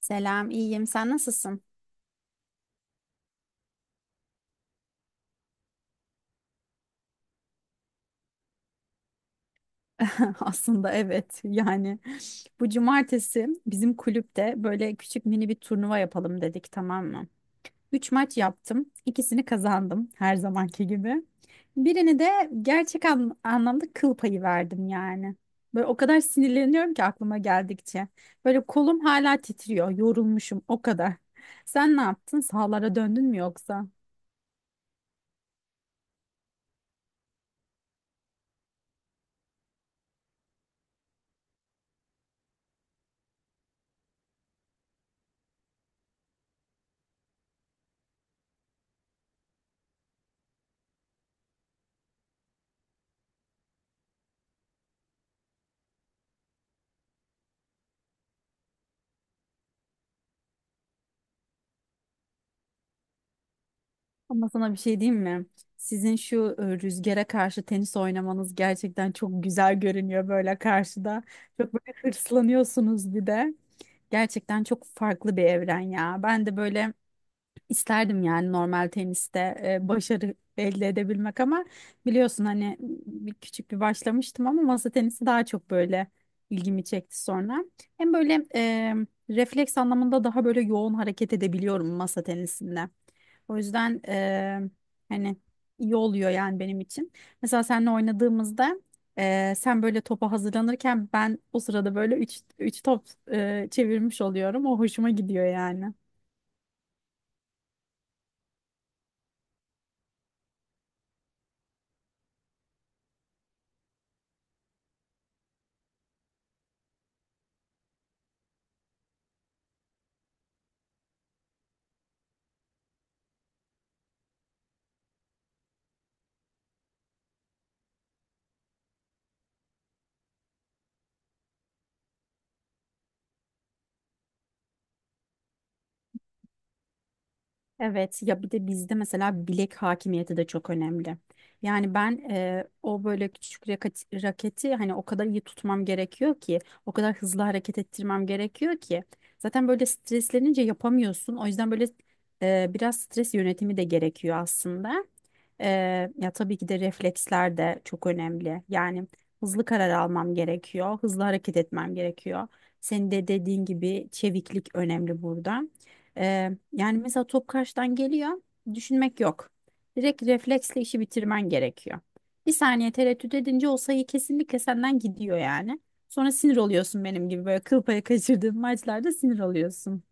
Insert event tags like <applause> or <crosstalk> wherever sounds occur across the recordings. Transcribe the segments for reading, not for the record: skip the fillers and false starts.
Selam, iyiyim. Sen nasılsın? <laughs> Aslında evet. Bu cumartesi bizim kulüpte böyle küçük mini bir turnuva yapalım dedik, tamam mı? Üç maç yaptım. İkisini kazandım her zamanki gibi. Birini de gerçek anlamda kıl payı verdim yani. Böyle o kadar sinirleniyorum ki aklıma geldikçe. Böyle kolum hala titriyor. Yorulmuşum o kadar. Sen ne yaptın? Sahalara döndün mü yoksa? Ama sana bir şey diyeyim mi? Sizin şu rüzgara karşı tenis oynamanız gerçekten çok güzel görünüyor böyle karşıda. Çok böyle hırslanıyorsunuz bir de. Gerçekten çok farklı bir evren ya. Ben de böyle İsterdim yani normal teniste başarı elde edebilmek ama biliyorsun hani bir küçük bir başlamıştım ama masa tenisi daha çok böyle ilgimi çekti sonra. Hem böyle refleks anlamında daha böyle yoğun hareket edebiliyorum masa tenisinde. O yüzden hani iyi oluyor yani benim için. Mesela seninle oynadığımızda sen böyle topa hazırlanırken ben o sırada böyle 3 3 top çevirmiş oluyorum. O hoşuma gidiyor yani. Evet ya bir de bizde mesela bilek hakimiyeti de çok önemli. Yani ben o böyle küçük raketi hani o kadar iyi tutmam gerekiyor ki o kadar hızlı hareket ettirmem gerekiyor ki zaten böyle streslenince yapamıyorsun. O yüzden böyle biraz stres yönetimi de gerekiyor aslında. Ya tabii ki de refleksler de çok önemli. Yani hızlı karar almam gerekiyor, hızlı hareket etmem gerekiyor. Senin de dediğin gibi çeviklik önemli burada. Yani mesela top karşıdan geliyor, düşünmek yok. Direkt refleksle işi bitirmen gerekiyor. Bir saniye tereddüt edince o sayı kesinlikle senden gidiyor yani. Sonra sinir oluyorsun benim gibi böyle kıl payı kaçırdığın maçlarda sinir oluyorsun.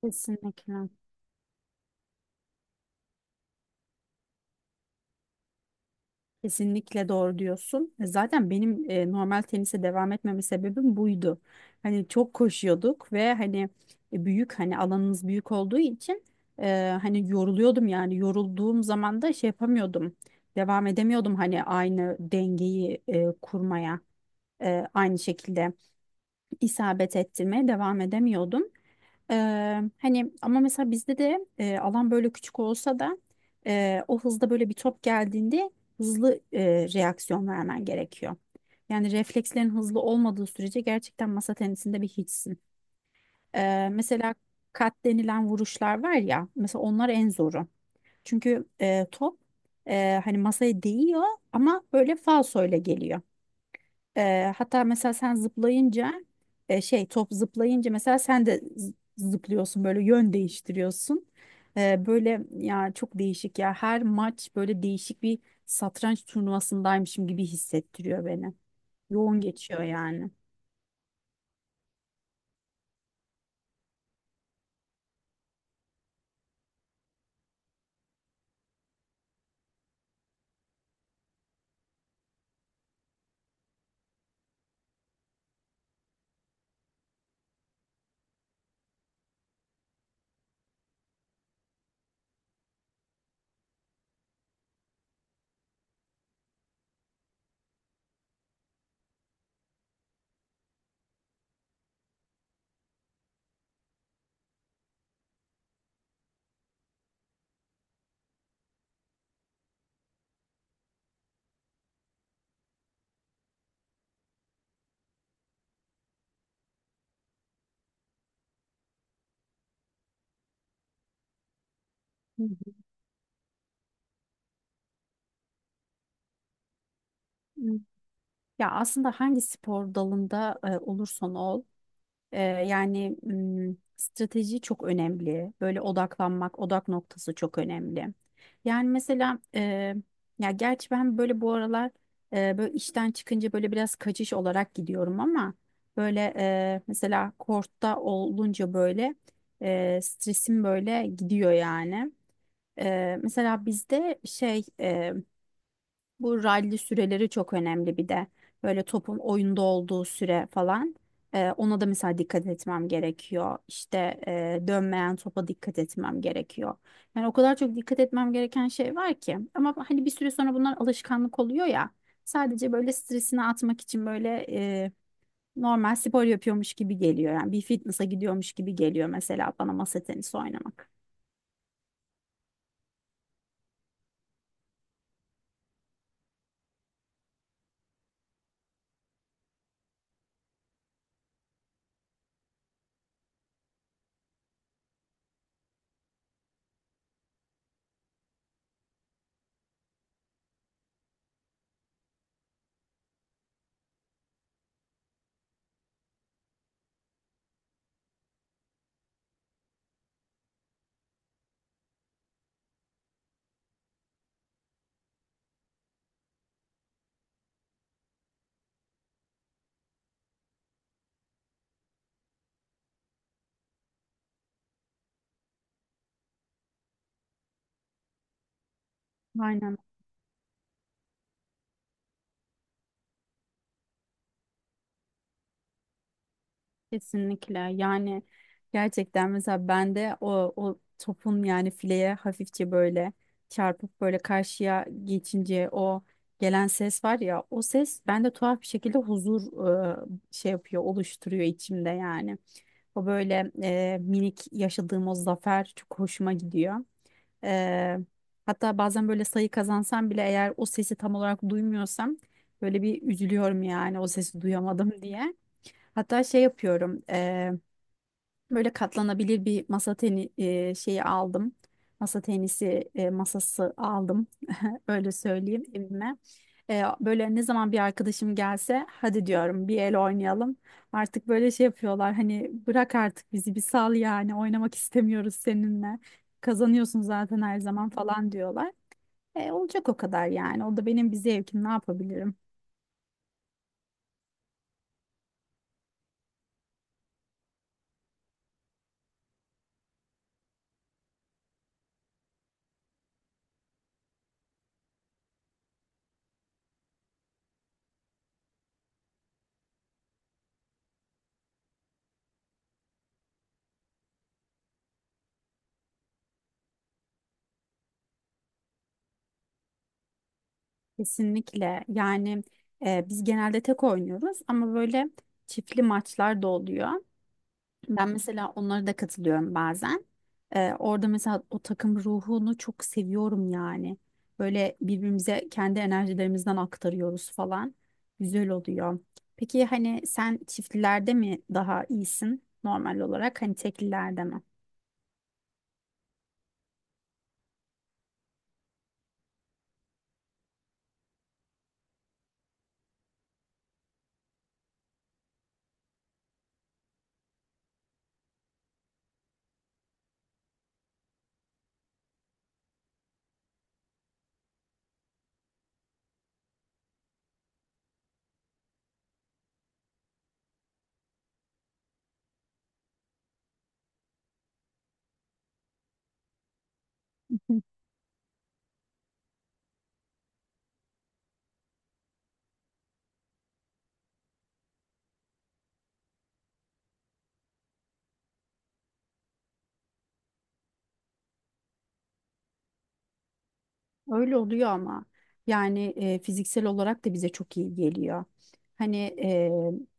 Kesinlikle. Kesinlikle doğru diyorsun. Zaten benim normal tenise devam etmeme sebebim buydu. Hani çok koşuyorduk ve hani büyük hani alanımız büyük olduğu için hani yoruluyordum yani yorulduğum zaman da şey yapamıyordum. Devam edemiyordum hani aynı dengeyi kurmaya, aynı şekilde isabet ettirmeye devam edemiyordum. Hani ama mesela bizde de alan böyle küçük olsa da o hızda böyle bir top geldiğinde hızlı reaksiyon vermen gerekiyor. Yani reflekslerin hızlı olmadığı sürece gerçekten masa tenisinde bir hiçsin. Mesela kat denilen vuruşlar var ya mesela onlar en zoru. Çünkü top hani masaya değiyor ama böyle falsoyla geliyor. Hatta mesela sen zıplayınca şey top zıplayınca mesela sen de zıplıyorsun böyle yön değiştiriyorsun. Böyle ya çok değişik ya her maç böyle değişik bir satranç turnuvasındaymışım gibi hissettiriyor beni. Yoğun geçiyor yani. Hı hı. Ya aslında hangi spor dalında olursan ol. Yani strateji çok önemli. Böyle odaklanmak, odak noktası çok önemli. Yani mesela ya gerçi ben böyle bu aralar böyle işten çıkınca böyle biraz kaçış olarak gidiyorum ama böyle mesela kortta olunca böyle stresim böyle gidiyor yani. Mesela bizde şey bu rally süreleri çok önemli bir de. Böyle topun oyunda olduğu süre falan. Ona da mesela dikkat etmem gerekiyor. İşte dönmeyen topa dikkat etmem gerekiyor. Yani o kadar çok dikkat etmem gereken şey var ki. Ama hani bir süre sonra bunlar alışkanlık oluyor ya. Sadece böyle stresini atmak için böyle normal spor yapıyormuş gibi geliyor. Yani bir fitness'a gidiyormuş gibi geliyor mesela bana masa tenisi oynamak. Aynen. Kesinlikle yani gerçekten mesela bende o topun yani fileye hafifçe böyle çarpıp böyle karşıya geçince o gelen ses var ya o ses bende tuhaf bir şekilde huzur e, şey yapıyor oluşturuyor içimde yani. O böyle minik yaşadığım o zafer çok hoşuma gidiyor. E, Hatta bazen böyle sayı kazansam bile eğer o sesi tam olarak duymuyorsam böyle bir üzülüyorum yani o sesi duyamadım <laughs> diye. Hatta şey yapıyorum. Böyle katlanabilir bir masa şeyi aldım. Masa tenisi masası aldım. Öyle söyleyeyim evime. Böyle ne zaman bir arkadaşım gelse hadi diyorum bir el oynayalım. Artık böyle şey yapıyorlar hani bırak artık bizi bir sal yani oynamak istemiyoruz seninle. Kazanıyorsun zaten her zaman falan diyorlar. Olacak o kadar yani. O da benim bir zevkim, ne yapabilirim? Kesinlikle yani biz genelde tek oynuyoruz ama böyle çiftli maçlar da oluyor. Ben mesela onlara da katılıyorum bazen. Orada mesela o takım ruhunu çok seviyorum yani. Böyle birbirimize kendi enerjilerimizden aktarıyoruz falan. Güzel oluyor. Peki hani sen çiftlilerde mi daha iyisin normal olarak? Hani teklilerde mi? <laughs> Öyle oluyor ama yani fiziksel olarak da bize çok iyi geliyor. Hani e,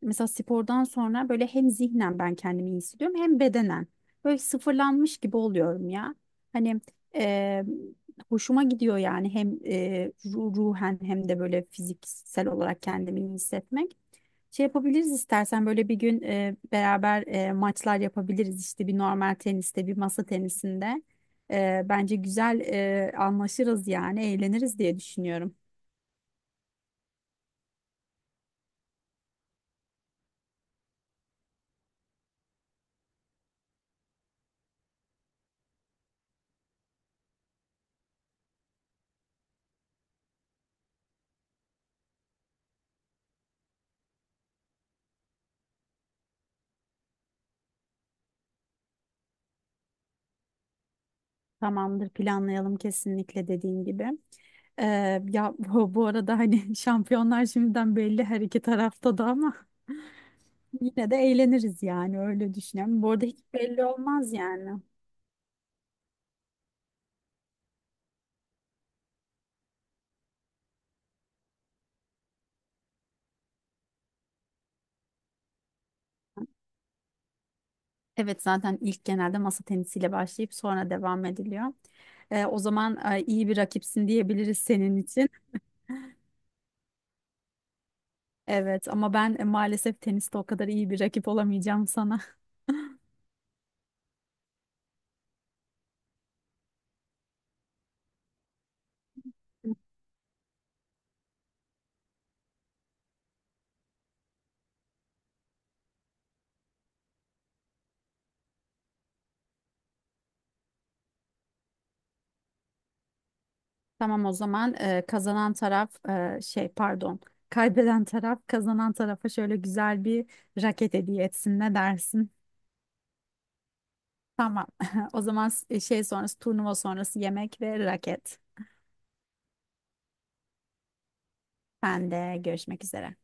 mesela spordan sonra böyle hem zihnen ben kendimi iyi hissediyorum hem bedenen. Böyle sıfırlanmış gibi oluyorum ya. Hani e, hoşuma gidiyor yani hem ruhen hem de böyle fiziksel olarak kendimi iyi hissetmek. Şey yapabiliriz istersen böyle bir gün beraber maçlar yapabiliriz işte bir normal teniste bir masa tenisinde. Bence güzel anlaşırız yani eğleniriz diye düşünüyorum. Tamamdır, planlayalım kesinlikle dediğin gibi. E, Ya bu arada hani <laughs> şampiyonlar şimdiden belli her iki tarafta da ama <laughs> yine de eğleniriz yani öyle düşünüyorum. Bu arada hiç belli olmaz yani. Evet, zaten ilk genelde masa tenisiyle başlayıp sonra devam ediliyor. O zaman iyi bir rakipsin diyebiliriz senin için. Evet ama ben maalesef teniste o kadar iyi bir rakip olamayacağım sana. <laughs> Tamam, o zaman kazanan taraf e, şey pardon kaybeden taraf kazanan tarafa şöyle güzel bir raket hediye etsin, ne dersin? Tamam, <laughs> o zaman s- şey sonrası turnuva sonrası yemek ve raket. Ben de görüşmek üzere.